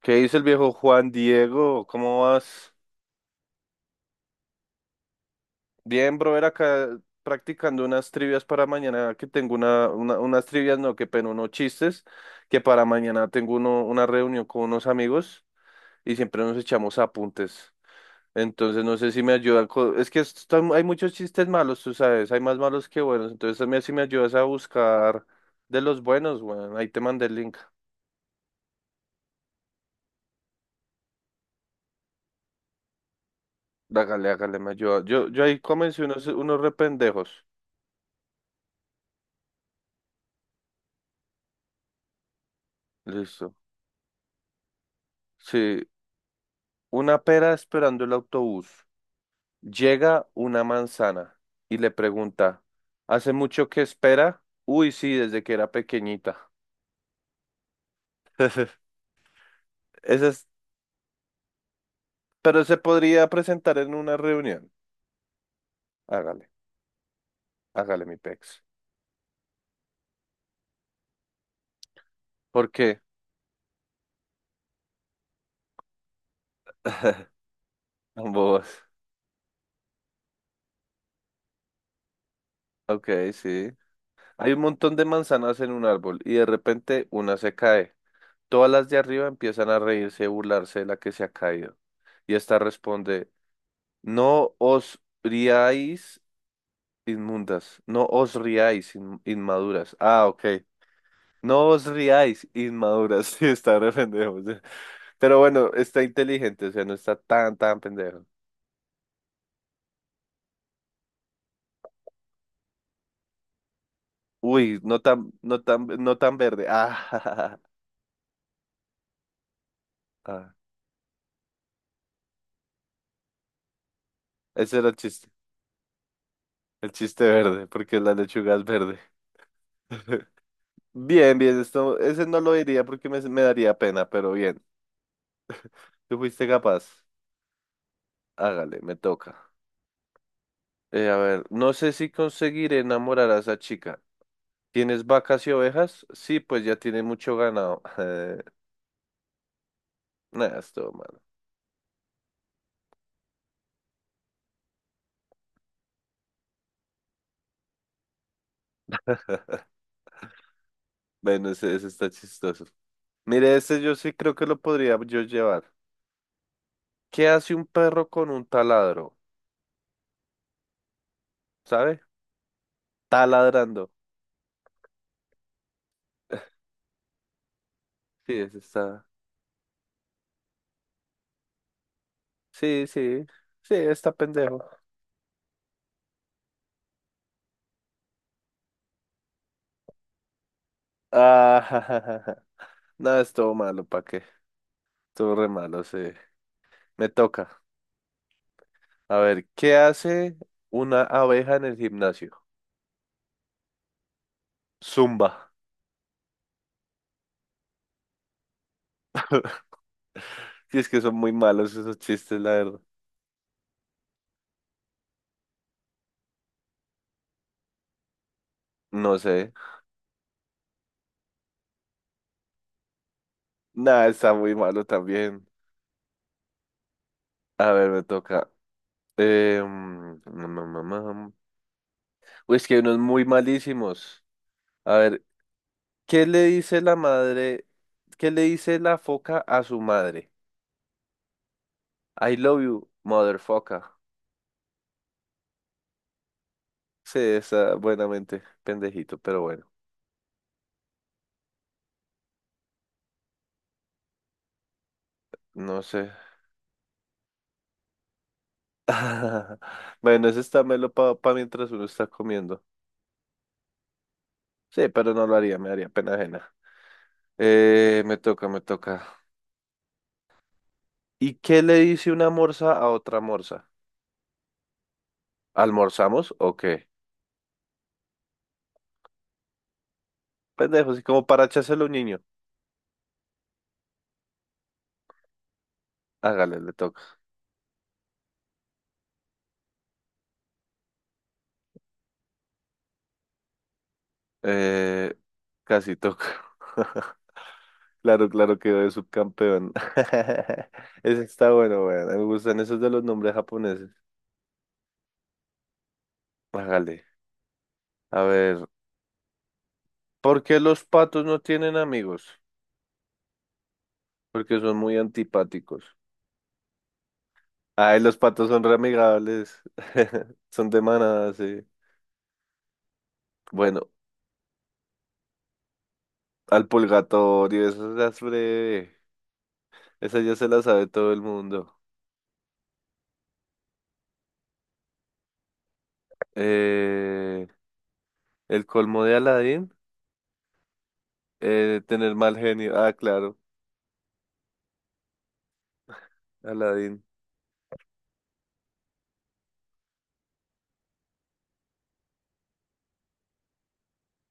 ¿Qué dice el viejo Juan Diego? ¿Cómo vas? Bien, brother, acá practicando unas trivias para mañana, que tengo unas trivias, no, qué pena, unos chistes, que para mañana tengo una reunión con unos amigos y siempre nos echamos apuntes. Entonces, no sé si me ayudan. Es que hay muchos chistes malos, tú sabes, hay más malos que buenos. Entonces, también si me ayudas a buscar de los buenos, bueno, ahí te mandé el link. Hágale, hágale, me ayuda. Yo ahí comencé unos rependejos. Listo. Sí, una pera esperando el autobús. Llega una manzana y le pregunta, ¿hace mucho que espera? Uy, sí, desde que era pequeñita. Ese es, pero se podría presentar en una reunión. Hágale, hágale mi pex. ¿Por qué? Ambos. Ok, sí. Hay un montón de manzanas en un árbol y de repente una se cae. Todas las de arriba empiezan a reírse y burlarse de la que se ha caído. Y esta responde, ¿no os riáis? Inmundas. No os riáis, inmaduras. Ah, ok. No os riáis, inmaduras. Sí, está re pendejo. Sí. Pero bueno, está inteligente, o sea, no está tan, tan pendejo. Uy, no tan, no tan, no tan verde. Ah, jajaja. Ah. Ese era el chiste. El chiste verde, porque la lechuga es verde. Bien, bien, esto, ese no lo diría porque me daría pena, pero bien. Tú fuiste capaz. Hágale, me toca. A ver, no sé si conseguiré enamorar a esa chica. ¿Tienes vacas y ovejas? Sí, pues ya tiene mucho ganado. Nada, es todo malo. Bueno, ese está chistoso. Mire, ese yo sí creo que lo podría yo llevar. ¿Qué hace un perro con un taladro? ¿Sabe? Taladrando. Sí, ese está. Sí, sí. Sí, está pendejo. Ah, ja, ja, ja, ja. Nada, es todo malo, ¿pa' qué? Todo re malo, sí. Me toca. A ver, ¿qué hace una abeja en el gimnasio? Zumba. Y es que son muy malos esos chistes, la verdad. No sé. Nada, está muy malo también. A ver, me toca. Eh, mm, mm, mm, mm, mm. Uy, es que hay unos muy malísimos. A ver, ¿qué le dice la madre? ¿Qué le dice la foca a su madre? I love you, mother foca. Sí, está buenamente pendejito, pero bueno, no sé. Bueno, ese está melo para mientras uno está comiendo. Sí, pero no lo haría, me haría pena ajena. Me toca, me toca. ¿Y qué le dice una morsa a otra morsa? ¿Almorzamos o qué? Pendejo, así como para echárselo a un niño. Hágale, le toca. Eh, Casi toca. Claro, claro, quedó de subcampeón. Ese está bueno, bueno. Me gustan esos de los nombres japoneses. Hágale. A ver, ¿por qué los patos no tienen amigos? Porque son muy antipáticos. Ay, los patos son re amigables. Son de manada, sí. Bueno, al purgatorio, esas las breve. Esa ya se la sabe todo el mundo. Eh, el colmo de Aladdin, tener mal genio. Ah, claro, Aladdin.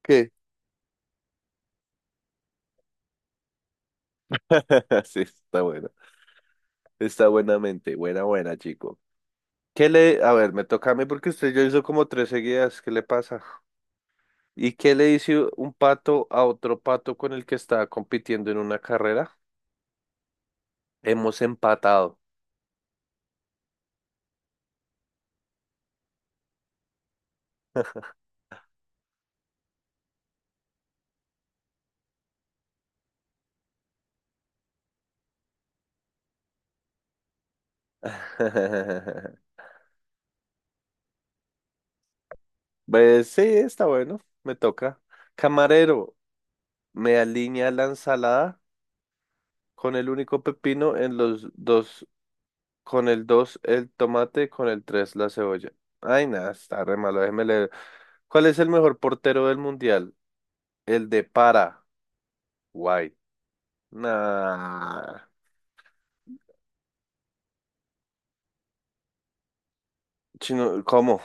¿Qué? Sí, está buena. Está buenamente. Buena, buena, chico. ¿Qué le... A ver, me toca a mí porque usted ya hizo como tres seguidas. ¿Qué le pasa? ¿Y qué le dice un pato a otro pato con el que estaba compitiendo en una carrera? Hemos empatado. Pues sí, está bueno. Me toca. Camarero, ¿me alinea la ensalada? Con el único pepino en los dos, con el dos el tomate, con el tres la cebolla. Ay, nada, está re malo, déjeme leer. ¿Cuál es el mejor portero del mundial? El de Paraguay. Nah. Chino, ¿cómo?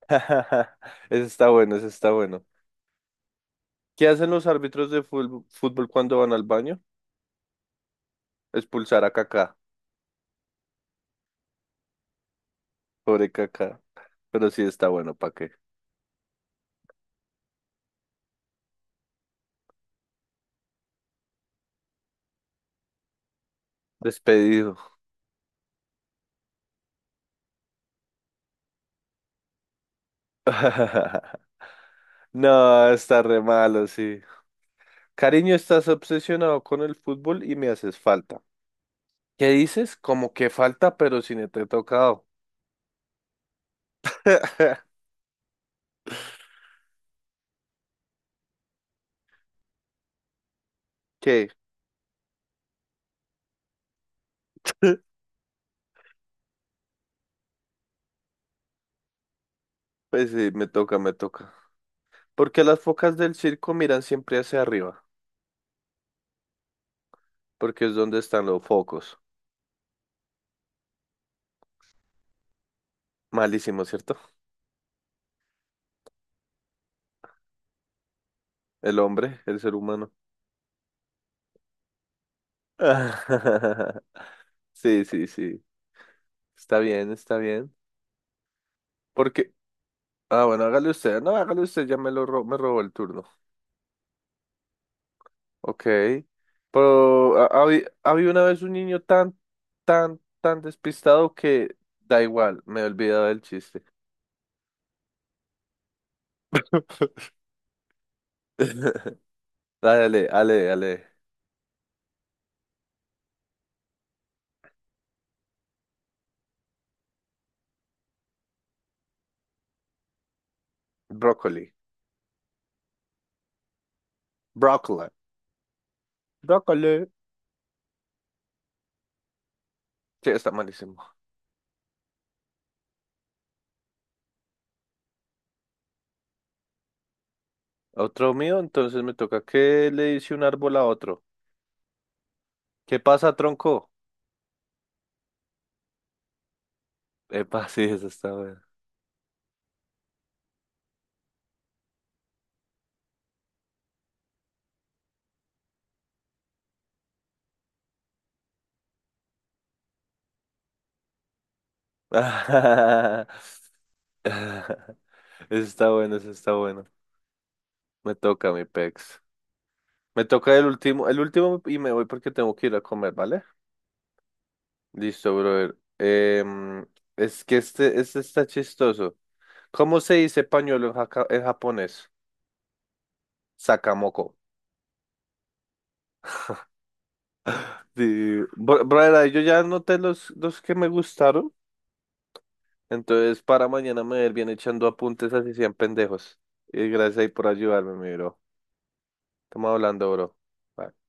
Ese está bueno, ese está bueno. ¿Qué hacen los árbitros de fútbol cuando van al baño? Expulsar a Kaká. Pobre Kaká. Pero sí está bueno, ¿para qué? Despedido. No, está re malo, sí. Cariño, estás obsesionado con el fútbol y me haces falta. ¿Qué dices? Como que falta, pero si no te he tocado. ¿Qué? Pues sí, me toca, me toca. Porque las focas del circo miran siempre hacia arriba, porque es donde están los focos. Malísimo, ¿cierto? El hombre, el ser humano. Sí, sí, sí. Está bien, está bien. Porque, ah, bueno, hágale usted. No, hágale usted, ya me lo me robó el turno. Ok, pero ha una vez un niño tan, tan, tan despistado que da igual, me he olvidado del chiste. Dale, dale, dale, dale. Brócoli. Brócoli. Brócoli. Sí, está malísimo. Otro mío, entonces me toca qué le dice un árbol a otro. ¿Qué pasa, tronco? Epa, sí, eso está bueno. Eso está bueno, eso está bueno. Me toca, mi pex. Me toca el último y me voy porque tengo que ir a comer, ¿vale? Listo, brother. Es que este está chistoso. ¿Cómo se dice pañuelo en, en japonés? Sakamoko. Sí, brother, yo ya anoté los que me gustaron. Entonces, para mañana me voy a ir bien echando apuntes así sean pendejos. Y gracias ahí por ayudarme, mi bro. Estamos hablando, bro. Bye.